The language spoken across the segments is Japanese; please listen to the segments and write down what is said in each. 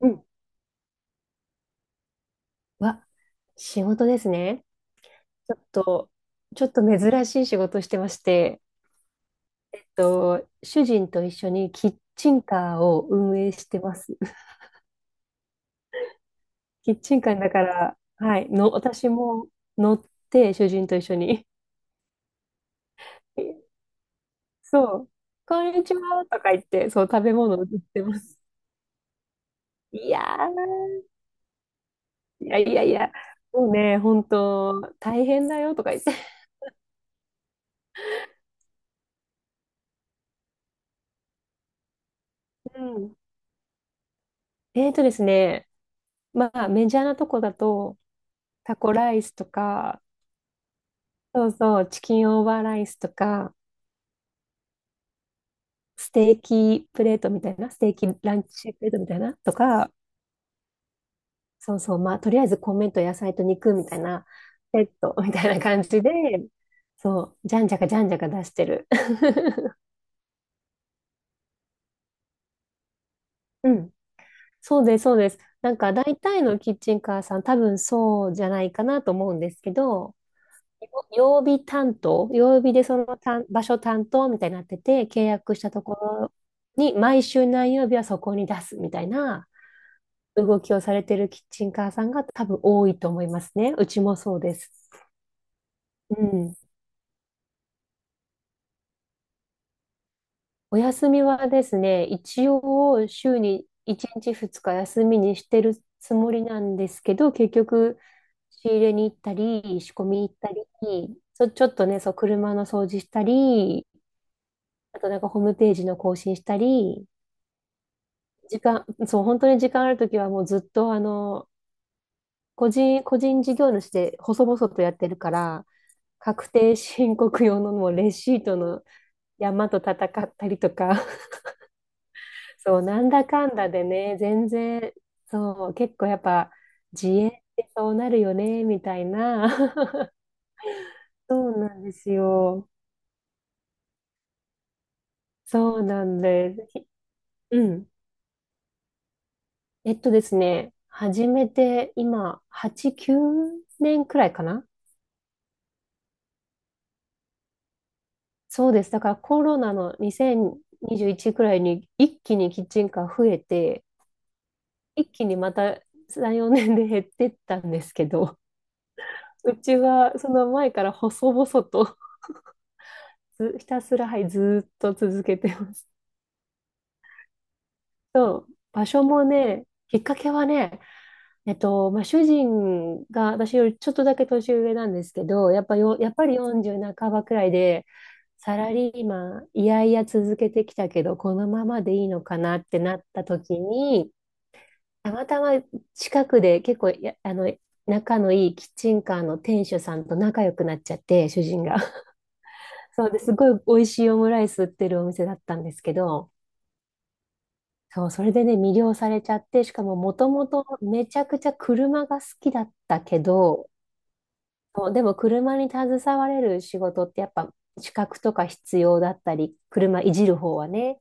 うん。わ、仕事ですね。ちょっと、ちょっと珍しい仕事してまして、主人と一緒にキッチンカーを運営してます。キッチンカーだから、はい、私も乗って、主人と一緒に。そう、こんにちはとか言って、そう、食べ物を売ってます。いやー、いやいやいや、もうね、本当大変だよとか言って。うん。ですね、まあ、メジャーなとこだと、タコライスとか、そうそう、チキンオーバーライスとか、ステーキプレートみたいな、ステーキランチプレートみたいなとか、そうそう、まあ、とりあえず米と野菜と肉みたいな、セットみたいな感じで、そう、じゃんじゃかじゃんじゃか出してる。うん。そうです、そうです。なんか大体のキッチンカーさん、多分そうじゃないかなと思うんですけど、曜日でその場所担当みたいになってて、契約したところに毎週何曜日はそこに出すみたいな動きをされてるキッチンカーさんが多分多いと思いますね。うちもそうです。うん。お休みはですね、一応週に1日2日休みにしてるつもりなんですけど、結局仕入れに行ったり、仕込み行ったり、ちょっとね、そう、車の掃除したり、あとなんかホームページの更新したり、そう、本当に時間あるときはもうずっと個人事業主で細々とやってるから、確定申告用のもうレシートの山と戦ったりとか、そう、なんだかんだでね、全然、そう、結構やっぱ自営ってそうなるよね、みたいな。そうなんですよ。そうなんです。うん。ですね、始めて今、8、9年くらいかな。そうです。だからコロナの2021くらいに一気にキッチンカー増えて、一気にまた3、4年で減ってったんですけど、うちはその前から細々とずひたすら、はい、ずーっと続けてます。そう、場所もね、きっかけはね、まあ、主人が私よりちょっとだけ年上なんですけど、やっぱり40半ばくらいで、サラリーマン、いやいや続けてきたけど、このままでいいのかなってなった時に、たまたま近くで結構や、あの、仲のいいキッチンカーの店主さんと仲良くなっちゃって、主人が。そうですごい美味しいオムライス売ってるお店だったんですけど、そう、それでね、魅了されちゃって、しかももともとめちゃくちゃ車が好きだったけど、そう、でも車に携われる仕事ってやっぱ資格とか必要だったり、車いじる方はね。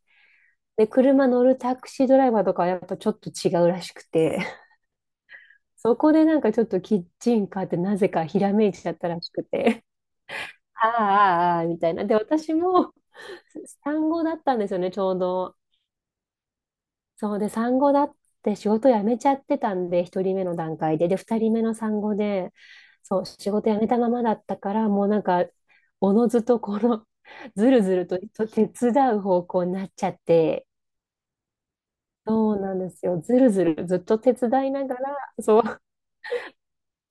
で、車乗るタクシードライバーとかはやっぱちょっと違うらしくて、そこでなんかちょっとキッチンカーってなぜかひらめいちゃったらしくて、ああ、ああ、ああみたいな。で、私も産後だったんですよね、ちょうど。そうで、産後だって仕事辞めちゃってたんで、一人目の段階で。で、2人目の産後で、そう、仕事辞めたままだったから、もうなんか、おのずとこの、ずるずると手伝う方向になっちゃって、そうなんですよ。ずるずるずっと手伝いながら、そう、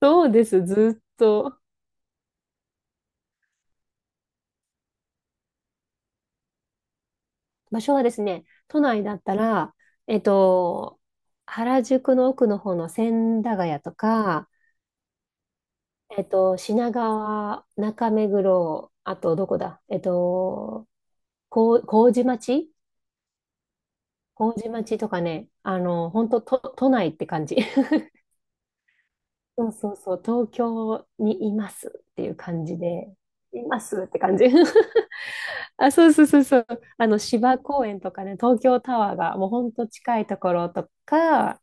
そうです、ずっと。場所はですね、都内だったら、えっと、原宿の奥の方の千駄ヶ谷とか、品川、中目黒、あとどこだこう、麹町とかね、本当と、都内って感じ。そうそうそう、東京にいますっていう感じで、いますって感じ。あ、そうそうそうそう。芝公園とかね、東京タワーがもう本当近いところとか、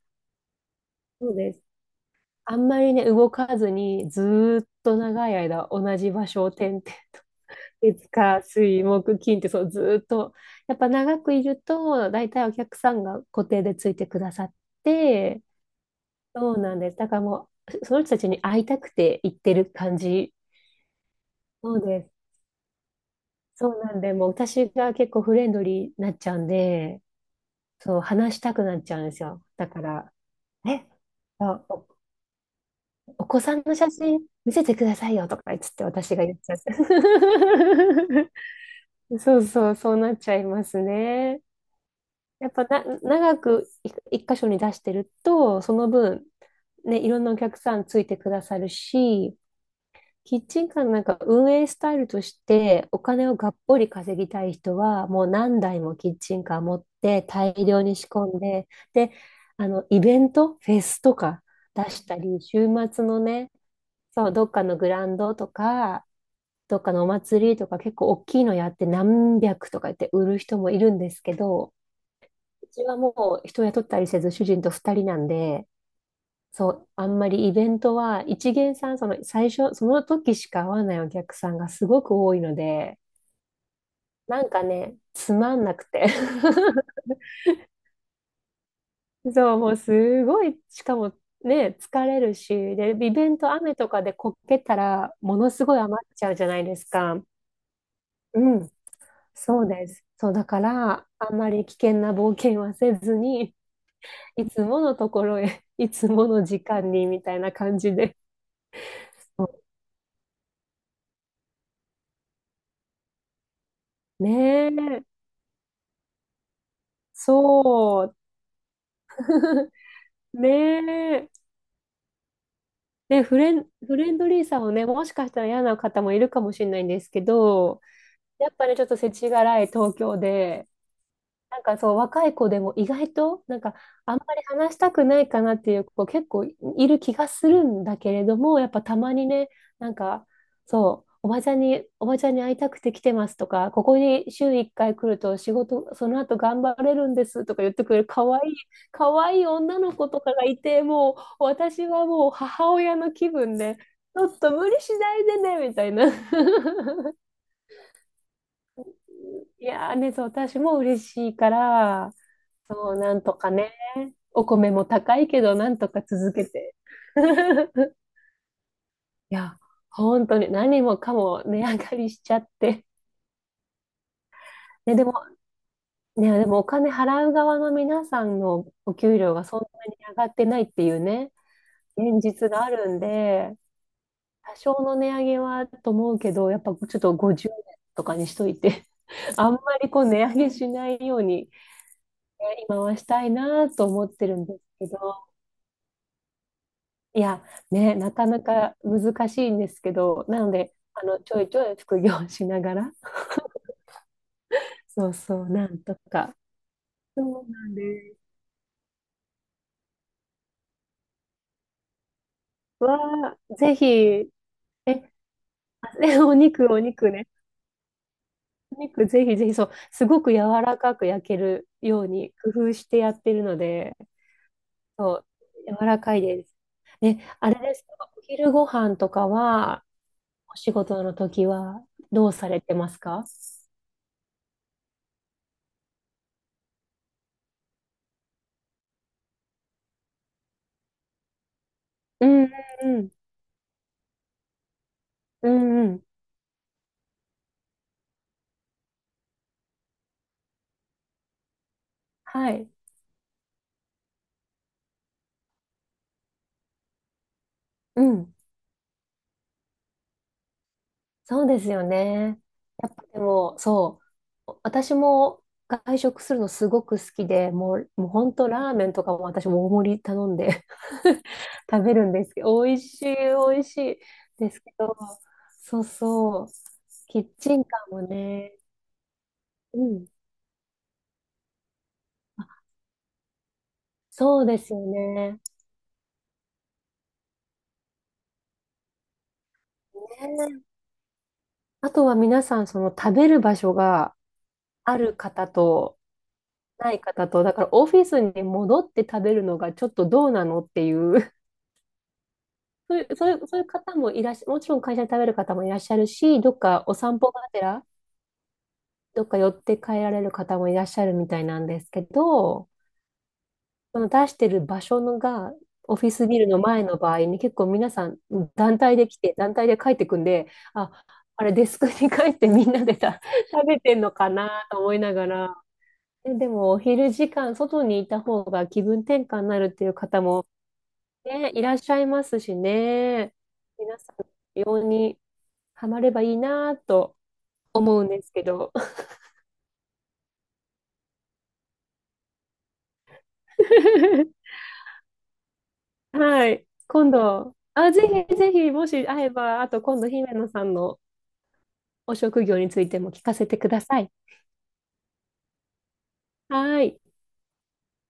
そうです。あんまりね、動かずに、ずーっと長い間同じ場所を転々、月火水木金って、そうずーっと。やっぱ長くいると大体お客さんが固定でついてくださって、そうなんです。だからもうその人たちに会いたくて行ってる感じ。そうです。そうなんでもう私が結構フレンドリーになっちゃうんで、そう話したくなっちゃうんですよ。だからえあお、お子さんの写真見せてくださいよとか言っつって私が言っちゃっ そうそう、そうなっちゃいますね。やっぱな、長くい一箇所に出してると、その分、ね、いろんなお客さんついてくださるし、キッチンカーのなんか運営スタイルとしてお金をがっぽり稼ぎたい人はもう何台もキッチンカー持って大量に仕込んで、で、あのイベント、フェスとか出したり、週末のね、そう、どっかのグランドとか、どっかのお祭りとか結構大きいのやって何百とか言って売る人もいるんですけど、うちはもう人雇ったりせず、主人と二人なんで、そう、あんまりイベントは、一元さん、その最初、その時しか会わないお客さんがすごく多いので、なんかね、つまんなくて。そう、もうすごい、しかもね、疲れるし、で、イベント雨とかでこけたら、ものすごい余っちゃうじゃないですか。うん、そうです。そう、だから、あんまり危険な冒険はせずに、いつものところへ、いつもの時間に、みたいな感じでねえ、そう、ねえ、ね、フレンドリーさをね、もしかしたら嫌な方もいるかもしれないんですけど、やっぱりちょっと世知辛い東京で、なんかそう、若い子でも意外と、なんか、あんまり話したくないかなっていう子結構いる気がするんだけれども、やっぱたまにね、なんか、そう、おばちゃんに、おばちゃんに会いたくて来てますとか、ここに週1回来ると仕事、その後頑張れるんですとか言ってくれる可愛い、可愛い女の子とかがいて、もう私はもう母親の気分で、ちょっと無理しないでね、みたいな。いやーね、そう、私も嬉しいから、そう、なんとかね、お米も高いけど、なんとか続けて。いや、本当に何もかも値上がりしちゃって。ね、でも、ね、でもお金払う側の皆さんのお給料がそんなに上がってないっていうね、現実があるんで、多少の値上げはと思うけど、やっぱちょっと50円とかにしといて、あんまりこう値上げしないように今はしたいなと思ってるんですけど、いや、ね、なかなか難しいんですけど、なので、ちょいちょい副業しながら、そうそう、なんとか。そうなんです。わあ、ぜひ、え、あね お肉、お肉ね。お肉、ぜひぜひ、そう、すごく柔らかく焼けるように工夫してやってるので、そう、柔らかいです。ね、あれですか、お昼ご飯とかは、お仕事の時は、どうされてますか？うんうんうんうんうん、はい。うん。そうですよね。やっぱでも、そう。私も外食するのすごく好きで、もう本当ラーメンとかも私も大盛り頼んで 食べるんですけど、美味しい、美味しいですけど、そうそう。キッチンカーもね。うん。あ、そうですよね。ね。あとは皆さん、その食べる場所がある方と、ない方と、だからオフィスに戻って食べるのがちょっとどうなのっていう、そういう、そういう、そういう方もいらっしゃ、もちろん会社で食べる方もいらっしゃるし、どっかお散歩がてら、どっか寄って帰られる方もいらっしゃるみたいなんですけど、その出してる場所のが、オフィスビルの前の場合に結構皆さん団体で来て、団体で帰ってくんで、あ、あれデスクに帰ってみんなで食べてんのかなと思いながら、でもお昼時間外にいた方が気分転換になるっていう方もね、いらっしゃいますしね、皆さん、ようにハマればいいなと思うんですけど。はい、今度、あ、ぜひぜひ、もし会えば、あと今度、姫野さんのお職業についても聞かせてください。はい。